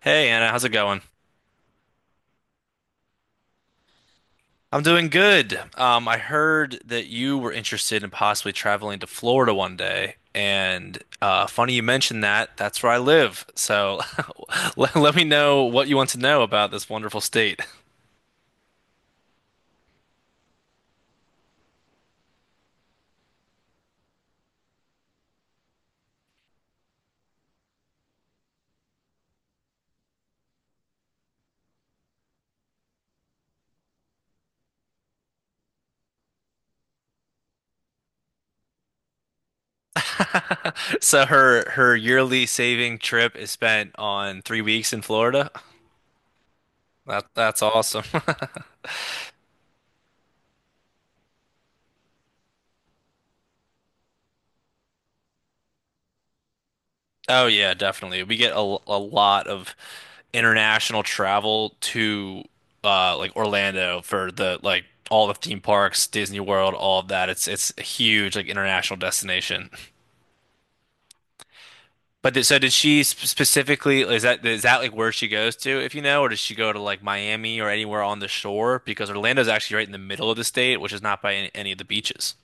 Hey Anna, how's it going? I'm doing good. I heard that you were interested in possibly traveling to Florida one day, and funny you mentioned that. That's where I live. So let me know what you want to know about this wonderful state. So her yearly saving trip is spent on 3 weeks in Florida. That's awesome. Oh yeah, definitely. We get a lot of international travel to like Orlando for the like all the theme parks, Disney World, all of that. It's a huge like international destination. But th so did she sp specifically, is that, is that like where she goes to, if you know, or does she go to like Miami or anywhere on the shore, because Orlando's actually right in the middle of the state, which is not by any of the beaches.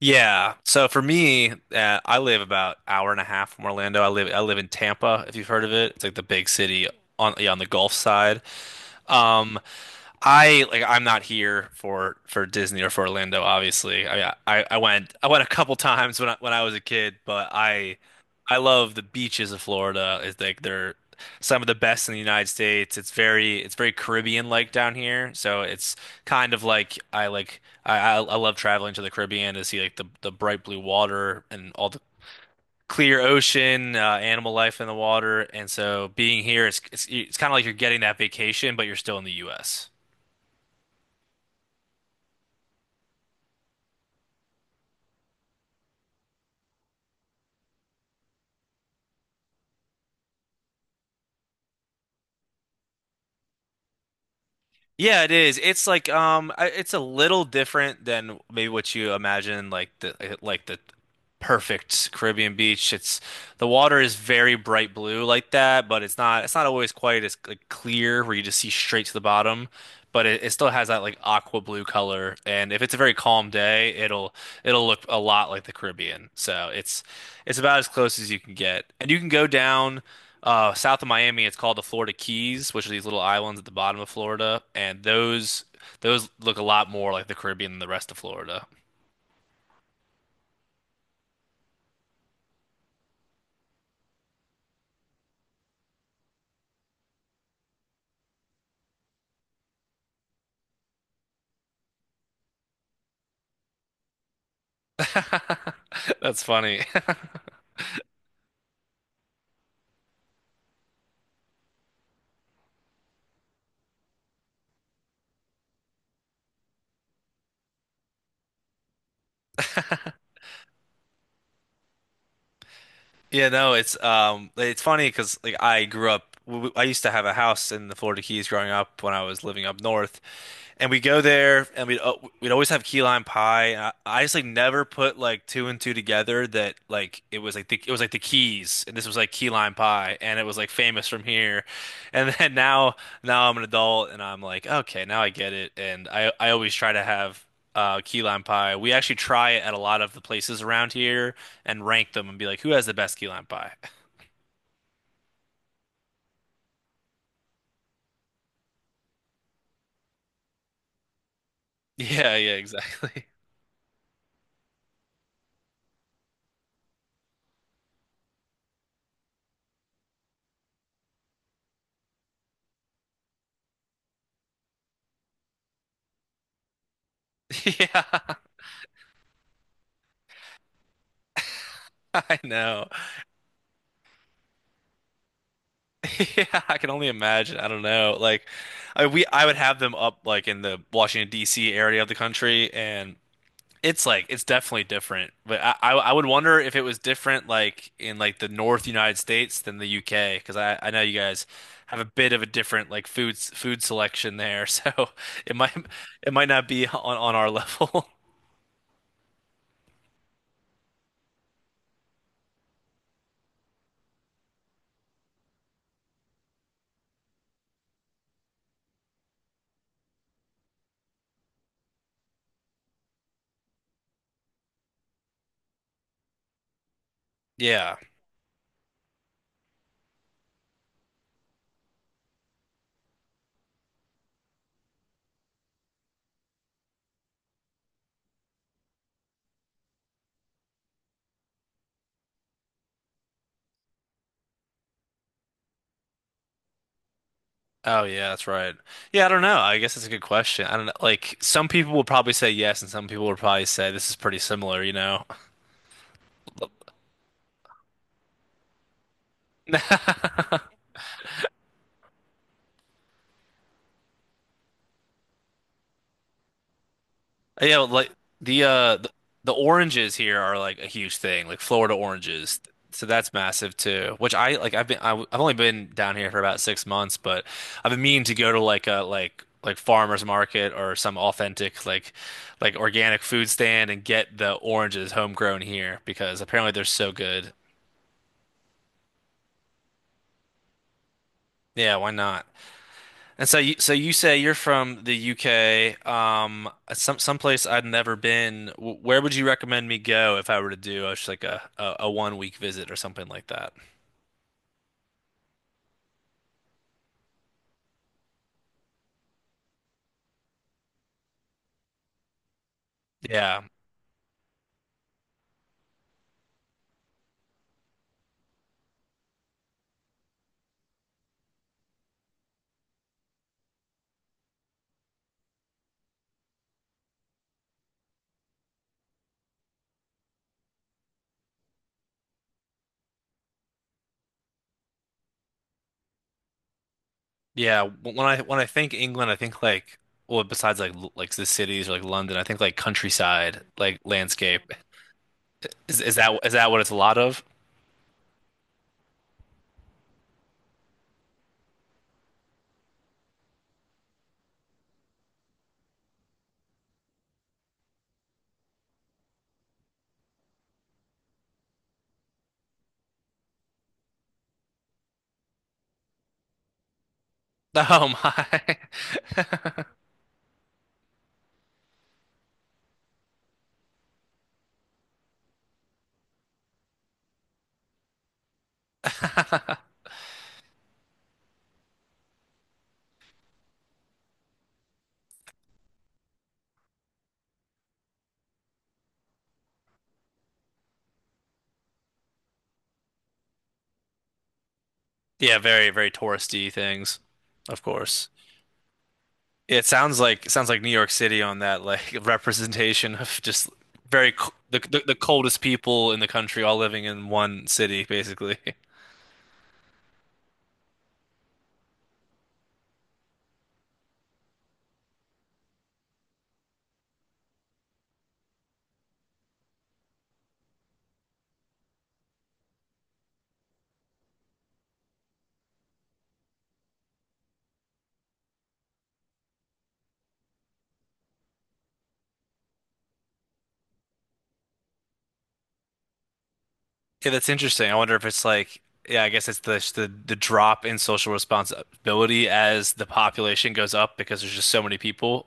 Yeah. So for me, I live about hour and a half from Orlando. I live in Tampa, if you've heard of it. It's like the big city on, yeah, on the Gulf side. Um, I like I'm not here for Disney or for Orlando, obviously. I went a couple times when I was a kid, but I love the beaches of Florida. It's like they're some of the best in the United States. It's very Caribbean like down here. So it's kind of like I love traveling to the Caribbean to see like the bright blue water and all the clear ocean, animal life in the water. And so being here, it's kind of like you're getting that vacation, but you're still in the US. Yeah, it is. It's like it's a little different than maybe what you imagine, like the perfect Caribbean beach. It's the water is very bright blue like that, but it's not always quite as like clear where you just see straight to the bottom. But it still has that like aqua blue color, and if it's a very calm day, it'll look a lot like the Caribbean. So it's about as close as you can get, and you can go down. South of Miami, it's called the Florida Keys, which are these little islands at the bottom of Florida, and those look a lot more like the Caribbean than the rest of Florida. That's funny. Yeah, no, it's funny because like I grew up, I used to have a house in the Florida Keys growing up when I was living up north, and we go there and we'd always have key lime pie. And I just like never put like two and two together that like it was like the Keys, and this was like key lime pie and it was like famous from here, and then now I'm an adult and I'm like, okay, now I get it, and I always try to have key lime pie. We actually try it at a lot of the places around here and rank them and be like, who has the best key lamp pie? Yeah, yeah, exactly. Yeah, I know. Yeah, I can only imagine. I don't know. Like, I would have them up like in the Washington D.C. area of the country, and it's like it's definitely different. But I would wonder if it was different like in like the North United States than the U.K., because I know you guys have a bit of a different like food selection there, so it might it might not be on our level. Yeah. Oh yeah, that's right. Yeah, I don't know. I guess that's a good question. I don't know. Like some people will probably say yes, and some people will probably say this is pretty similar, you know. Yeah, like the uh the, the oranges here are like a huge thing, like Florida oranges. So that's massive too. Which I like have only been down here for about 6 months, but I've been meaning to go to like a like like farmers market or some authentic like organic food stand and get the oranges homegrown here because apparently they're so good. Yeah, why not? And so you say you're from the UK, some someplace I'd never been. Where would you recommend me go if I were to do just like a 1 week visit or something like that? Yeah, yeah. When I think England, I think like, well, besides like like the cities or like London, I think like countryside, like landscape. Is that, is that what it's a lot of? Oh my. Yeah, very touristy things, of course. It sounds like New York City on that like representation of just very c- the coldest people in the country all living in one city basically. Yeah, that's interesting. I wonder if it's like, yeah, I guess it's the drop in social responsibility as the population goes up, because there's just so many people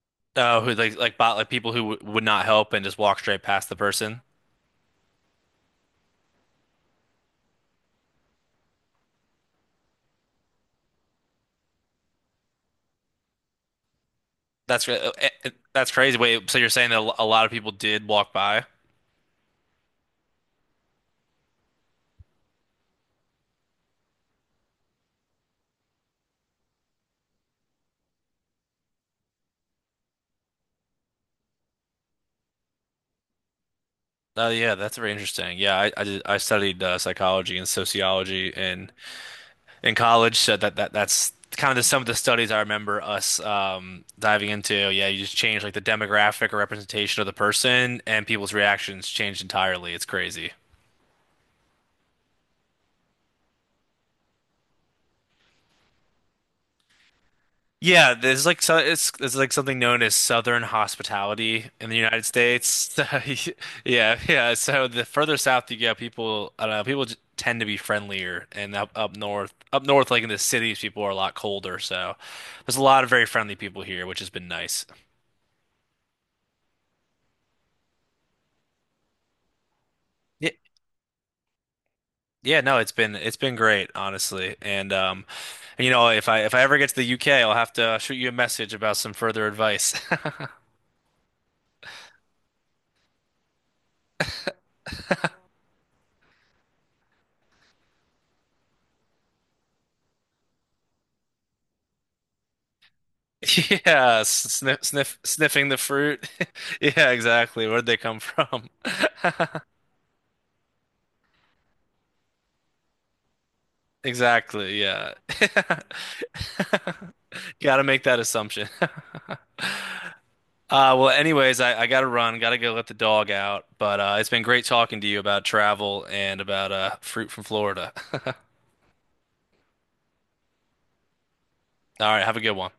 who like bot like people who w would not help and just walk straight past the person. That's crazy. Wait, so you're saying that a lot of people did walk by? Oh yeah, that's very interesting. Yeah, I studied psychology and sociology in college, so that's kind of some of the studies I remember us diving into. Yeah, you just change like the demographic or representation of the person, and people's reactions changed entirely. It's crazy. Yeah, there's like, so it's, there's like something known as Southern hospitality in the United States. Yeah, yeah. So the further south you go, people, I don't know, tend to be friendlier, and up north, like in the cities, people are a lot colder. So there's a lot of very friendly people here, which has been nice. Yeah, yeah. No, it's been great, honestly. And, you know, if I ever get to the UK, I'll have to shoot you a message about some further advice. Yeah, sniff, sniff, sniffing the fruit. Yeah, exactly. Where'd they come from? Exactly. Yeah. Gotta make that assumption. Well, anyways, I gotta run, gotta go let the dog out. But it's been great talking to you about travel and about fruit from Florida. All right, have a good one.